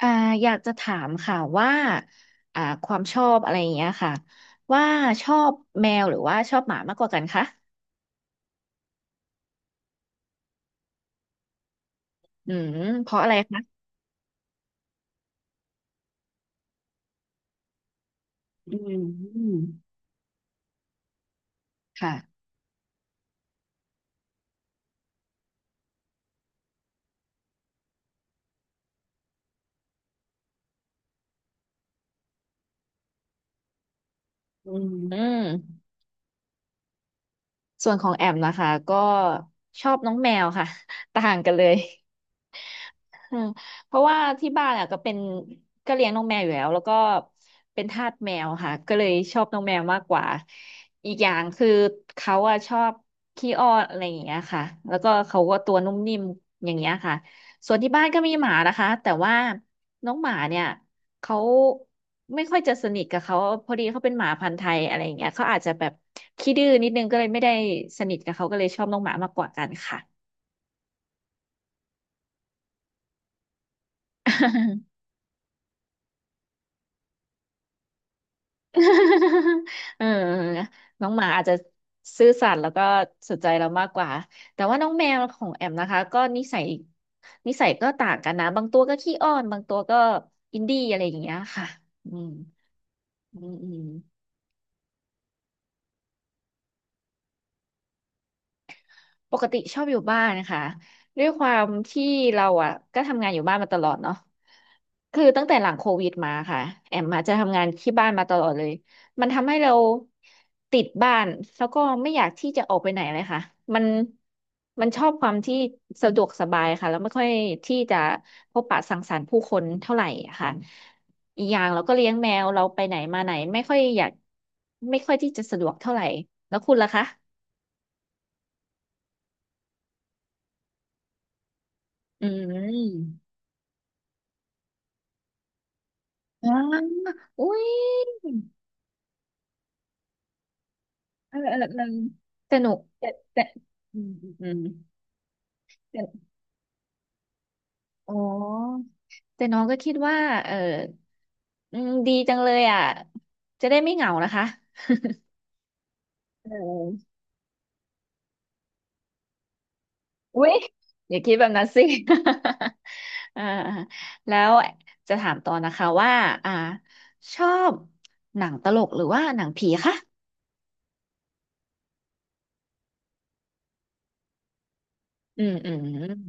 อ่าอยากจะถามค่ะว่าความชอบอะไรอย่างเงี้ยค่ะว่าชอบแมวหรือว่าชอบหมามากกว่ากันคะอืมเพราะอะไรคะอืมอืมค่ะอืมอืมส่วนของแอมนะคะก็ชอบน้องแมวค่ะ ต่างกันเลย อืมเพราะว่าที่บ้านอ่ะก็เป็นก็เลี้ยงน้องแมวอยู่แล้วแล้วก็เป็นทาสแมวค่ะก็เลยชอบน้องแมวมากกว่าอีกอย่างคือเขาอ่ะชอบขี้อ้อนอะไรอย่างเงี้ยค่ะแล้วก็เขาก็ตัวนุ่มนิ่มอย่างเงี้ยค่ะส่วนที่บ้านก็มีหมานะคะแต่ว่าน้องหมาเนี่ยเขาไม่ค่อยจะสนิทกับเขาพอดีเขาเป็นหมาพันธุ์ไทยอะไรอย่างเงี้ยเขาอาจจะแบบขี้ดื้อนิดนึงก็เลยไม่ได้สนิทกับเขาก็เลยชอบน้องหมามากกว่ากันค่ะ เออน้องหมาอาจจะซื่อสัตย์แล้วก็สนใจเรามากกว่า แต่ว่าน้องแมวของแอมนะคะก็นิสัยนิสัยก็ต่างกันนะบางตัวก็ขี้อ้อนบางตัวก็อินดี้อะไรอย่างเงี้ยค่ะอืมอืมอืม ปกติชอบอยู่บ้านนะคะด้วยความที่เราอ่ะก็ทำงานอยู่บ้านมาตลอดเนาะคือตั้งแต่หลังโควิดมาค่ะแอมมาจจะทำงานที่บ้านมาตลอดเลยมันทำให้เราติดบ้านแล้วก็ไม่อยากที่จะออกไปไหนเลยค่ะมันมันชอบความที่สะดวกสบายค่ะแล้วไม่ค่อยที่จะพบปะสังสรรค์ผู้คนเท่าไหร่อะค่ะอีกอย่างเราก็เลี้ยงแมวเราไปไหนมาไหนไม่ค่อยอยากไม่ค่อยที่จะสะดวกเท่าไหร่แล้วคุณล่ะคะอืม อ่าอุ้ยเออเออเออสนุกแต่แต่อืมอืมอืมแต่อ๋อแต่น้องก็คิดว่าเอออืมดีจังเลยอ่ะ จะได้ไม่เหงานะคะเอออุ้ยอย่าคิดแบบนั้นสิ อ่าแล้วจะถามต่อนะคะว่า อ่าชอบหนังตลกหรือว่าหนังผีคะ อืม อืมอม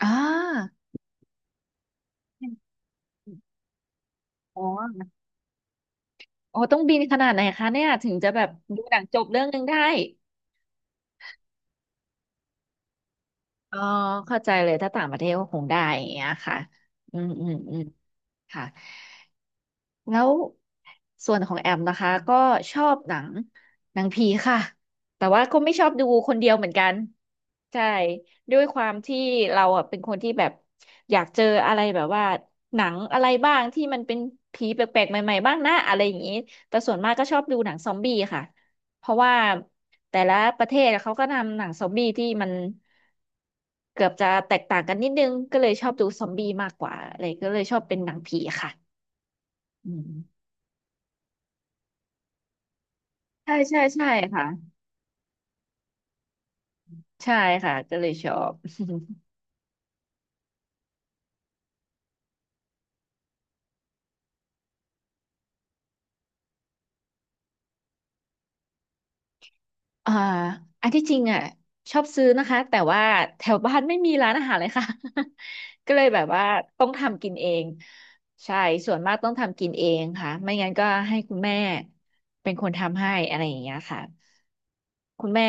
อ่าอ๋อ โอ้ต้องบินขนาดไหนคะเนี่ยถึงจะแบบดูหนังจบเรื่องหนึงได้อ๋อเข้าใจเลยถ้าต่างประเทศก็คงได้อย่างเงี้ยค่ะอืมอืมอืมค่ะแล้วส่วนของแอมนะคะก็ชอบหนังผีค่ะแต่ว่าก็ไม่ชอบดูคนเดียวเหมือนกัน ใช่ด้วยความที่เราอ่ะเป็นคนที่แบบอยากเจออะไรแบบว่าหนังอะไรบ้างที่มันเป็นผีแปลกๆใหม่ๆบ้างนะอะไรอย่างนี้แต่ส่วนมากก็ชอบดูหนังซอมบี้ค่ะเพราะว่าแต่ละประเทศเขาก็นำหนังซอมบี้ที่มันเกือบจะแตกต่างกันนิดนึงก็เลยชอบดูซอมบี้มากกว่าอะไรก็เลยชอบเป็นหนังผีค่ะอืมใช่ใช่ใช่ค่ะใช่ค่ะก็เลยชอบ อ่าอันที่จริงอ่ะชอบซื้อนะคะแต่ว่าแถวบ้านไม่มีร้านอาหารเลยค่ะ ก็เลยแบบว่าต้องทำกินเองใช่ส่วนมากต้องทำกินเองค่ะไม่งั้นก็ให้คุณแม่เป็นคนทำให้อะไรอย่างเงี้ยค่ะคุณแม่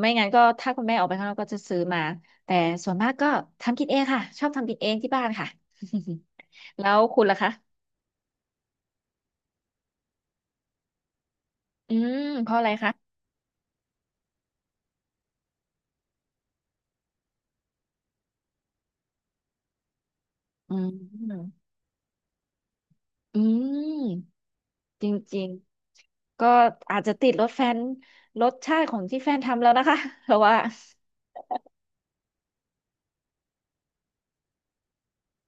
ไม่งั้นก็ถ้าคุณแม่ออกไปข้างนอกก็จะซื้อมาแต่ส่วนมากก็ทำกินเองค่ะชอบทำกินเองที่บ้านค่ะ แล้วคุณล่ะคะอืมเพราะอะไรคะอืมอืม จริงๆก็อาจจะติดรสแฟนรสชาติของที่แฟนทำแล้วนะคะ เพราะว่า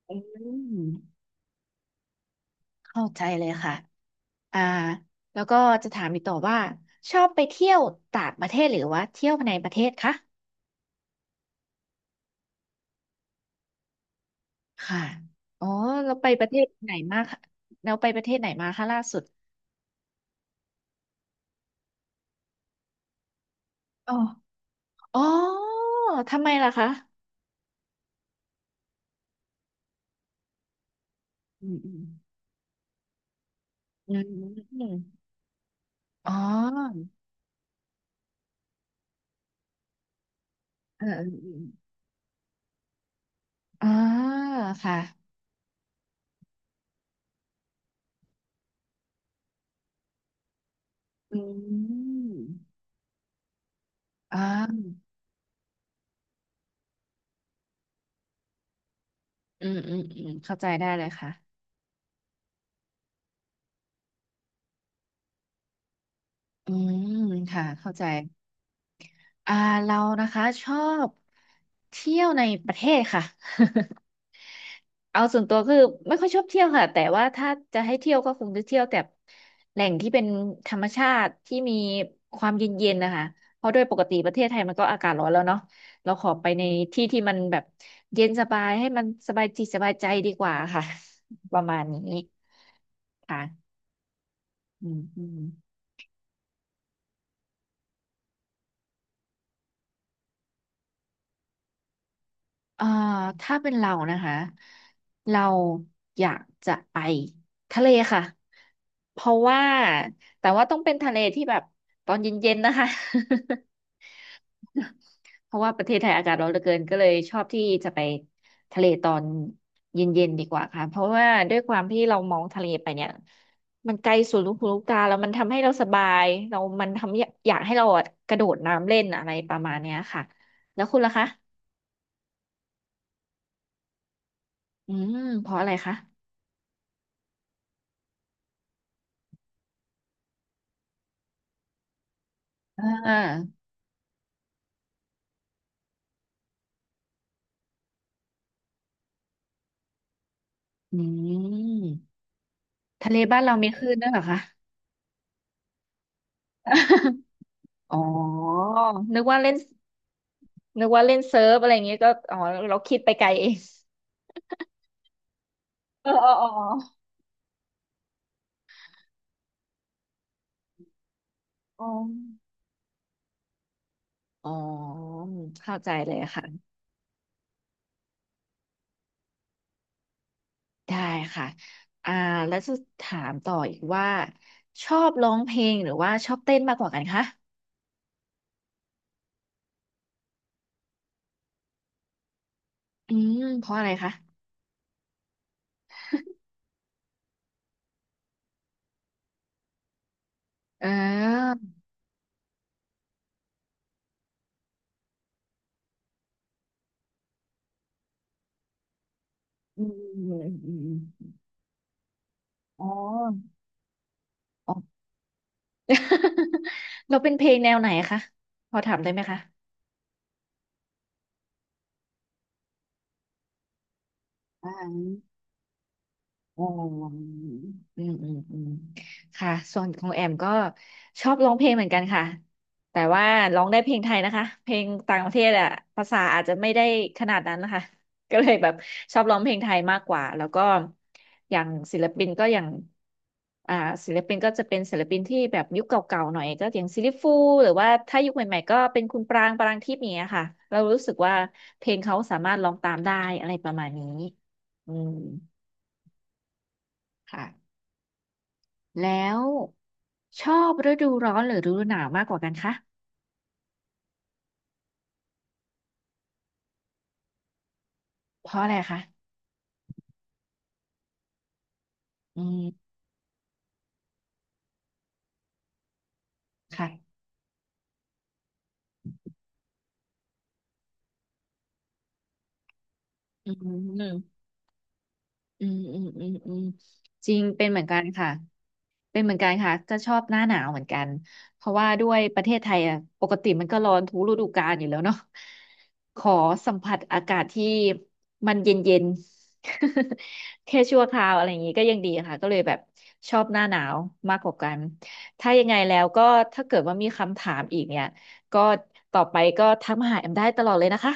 อืมเข้าใจเลยค่ะอ่าแล้วก็จะถามอีกต่อว่าชอบไปเที่ยวต่างประเทศหรือว่าเที่ยวในประเทศคะค่ะอ๋อเราไปประเทศไหนมาคะเราไปประเทศไหนมาคะล่าสุดอ๋ออ๋อทำไมล่ะคะอืมอืมอืมอมอ๋อเออเออเออค่ะอืมอ่า อืมอืมอืมเข้าใจได้เลยค่ะอืมค่ะเข้าใจอ่าเรานะคะชอบเที่ยวในประเทศค่ะ เอาส่วนตัวคือไม่ค่อยชอบเที่ยวค่ะแต่ว่าถ้าจะให้เที่ยวก็คงจะเที่ยวแต่แหล่งที่เป็นธรรมชาติที่มีความเย็นๆนะคะเพราะโดยปกติประเทศไทยมันก็อากาศร้อนแล้วเนาะเราขอไปในที่ที่มันแบบเย็นสบายให้มันสบายจิตสบายใจดีกว่าค่ะ ประมาณนี้ค่ะอืมอืม เอ่อถ้าเป็นเรานะคะเราอยากจะไปทะเลค่ะเพราะว่าแต่ว่าต้องเป็นทะเลที่แบบตอนเย็นๆนะคะ เพราะว่าประเทศไทยอากาศร้อนเหลือเกินก็เลยชอบที่จะไปทะเลตอนเย็นๆดีกว่าค่ะเพราะว่าด้วยความที่เรามองทะเลไปเนี่ยมันไกลสุดลูกหูลูกตาแล้วมันทำให้เราสบายเรามันทำให้อยากให้เราอะกระโดดน้ำเล่นอะไรประมาณเนี้ยค่ะแล้วคุณล่ะคะอืมเพราะอะไรคะอ่า อืมทะเลบ้านเรามีคลื่นด้วยเหรอคะ อ๋อนึกว่าเล่นนึกว่าเล่นเซิร์ฟอะไรอย่างเงี้ยก็อ๋อเราคิดไปไกลเองเออเออเอออ๋ออ๋อเข้าใจเลยค่ะได้ค่ะอ่าแล้วจะถามต่ออีกว่าชอบร้องเพลงหรือว่าชอบเต้นมากกว่ากันคะอืมเพราะอะไรคะเอ่าอืมอืมอืมอ๋ออ๋อ เราเป็นเพลงแนวไหนคะพอถามได้ไหมคะ อ่าอ๋ออืมอืมอืมค่ะส่วนของแอมก็ชอบร้องเพลงเหมือนกันค่ะ แต่ว่าร้องได้เพลงไทยนะคะ เพลงต่างประเทศอะภาษาอาจจะไม่ได้ขนาดนั้นนะคะก็เลยแบบชอบร้องเพลงไทยมากกว่าแล้วก็อย่างศิลปินก็อย่างอ่าศิลปินก็จะเป็นศิลปินที่แบบยุคเก่าๆหน่อยก็อย่างซิลลิฟูหรือว่าถ้ายุคใหม่ๆก็เป็นคุณปรางปรางทิพย์อย่างเงี้ยค่ะเรารู้สึกว่าเพลงเขาสามารถร้องตามได้อะไรประมาณนี้อืม ค่ะแล้วชอบฤดูร้อนหรือฤดูหนาวมากกว่ากันคะเพราะอะไรคะอืมค่ะอืม อืมอืมอืมอืมจริงเป็นเหมือนกันค่ะเป็นเหมือนกันค่ะก็ชอบหน้าหนาวเหมือนกันเพราะว่าด้วยประเทศไทยอ่ะปกติมันก็ร้อนทุกฤดูกาลอยู่แล้วเนาะขอสัมผัสอากาศที่มันเย็นเย็น แค่ชั่วคราวอะไรอย่างนี้ก็ยังดีค่ะก็เลยแบบชอบหน้าหนาวมากกว่ากันถ้ายังไงแล้วก็ถ้าเกิดว่ามีคำถามอีกเนี่ยก็ต่อไปก็ทักมาหาแอมได้ตลอดเลยนะคะ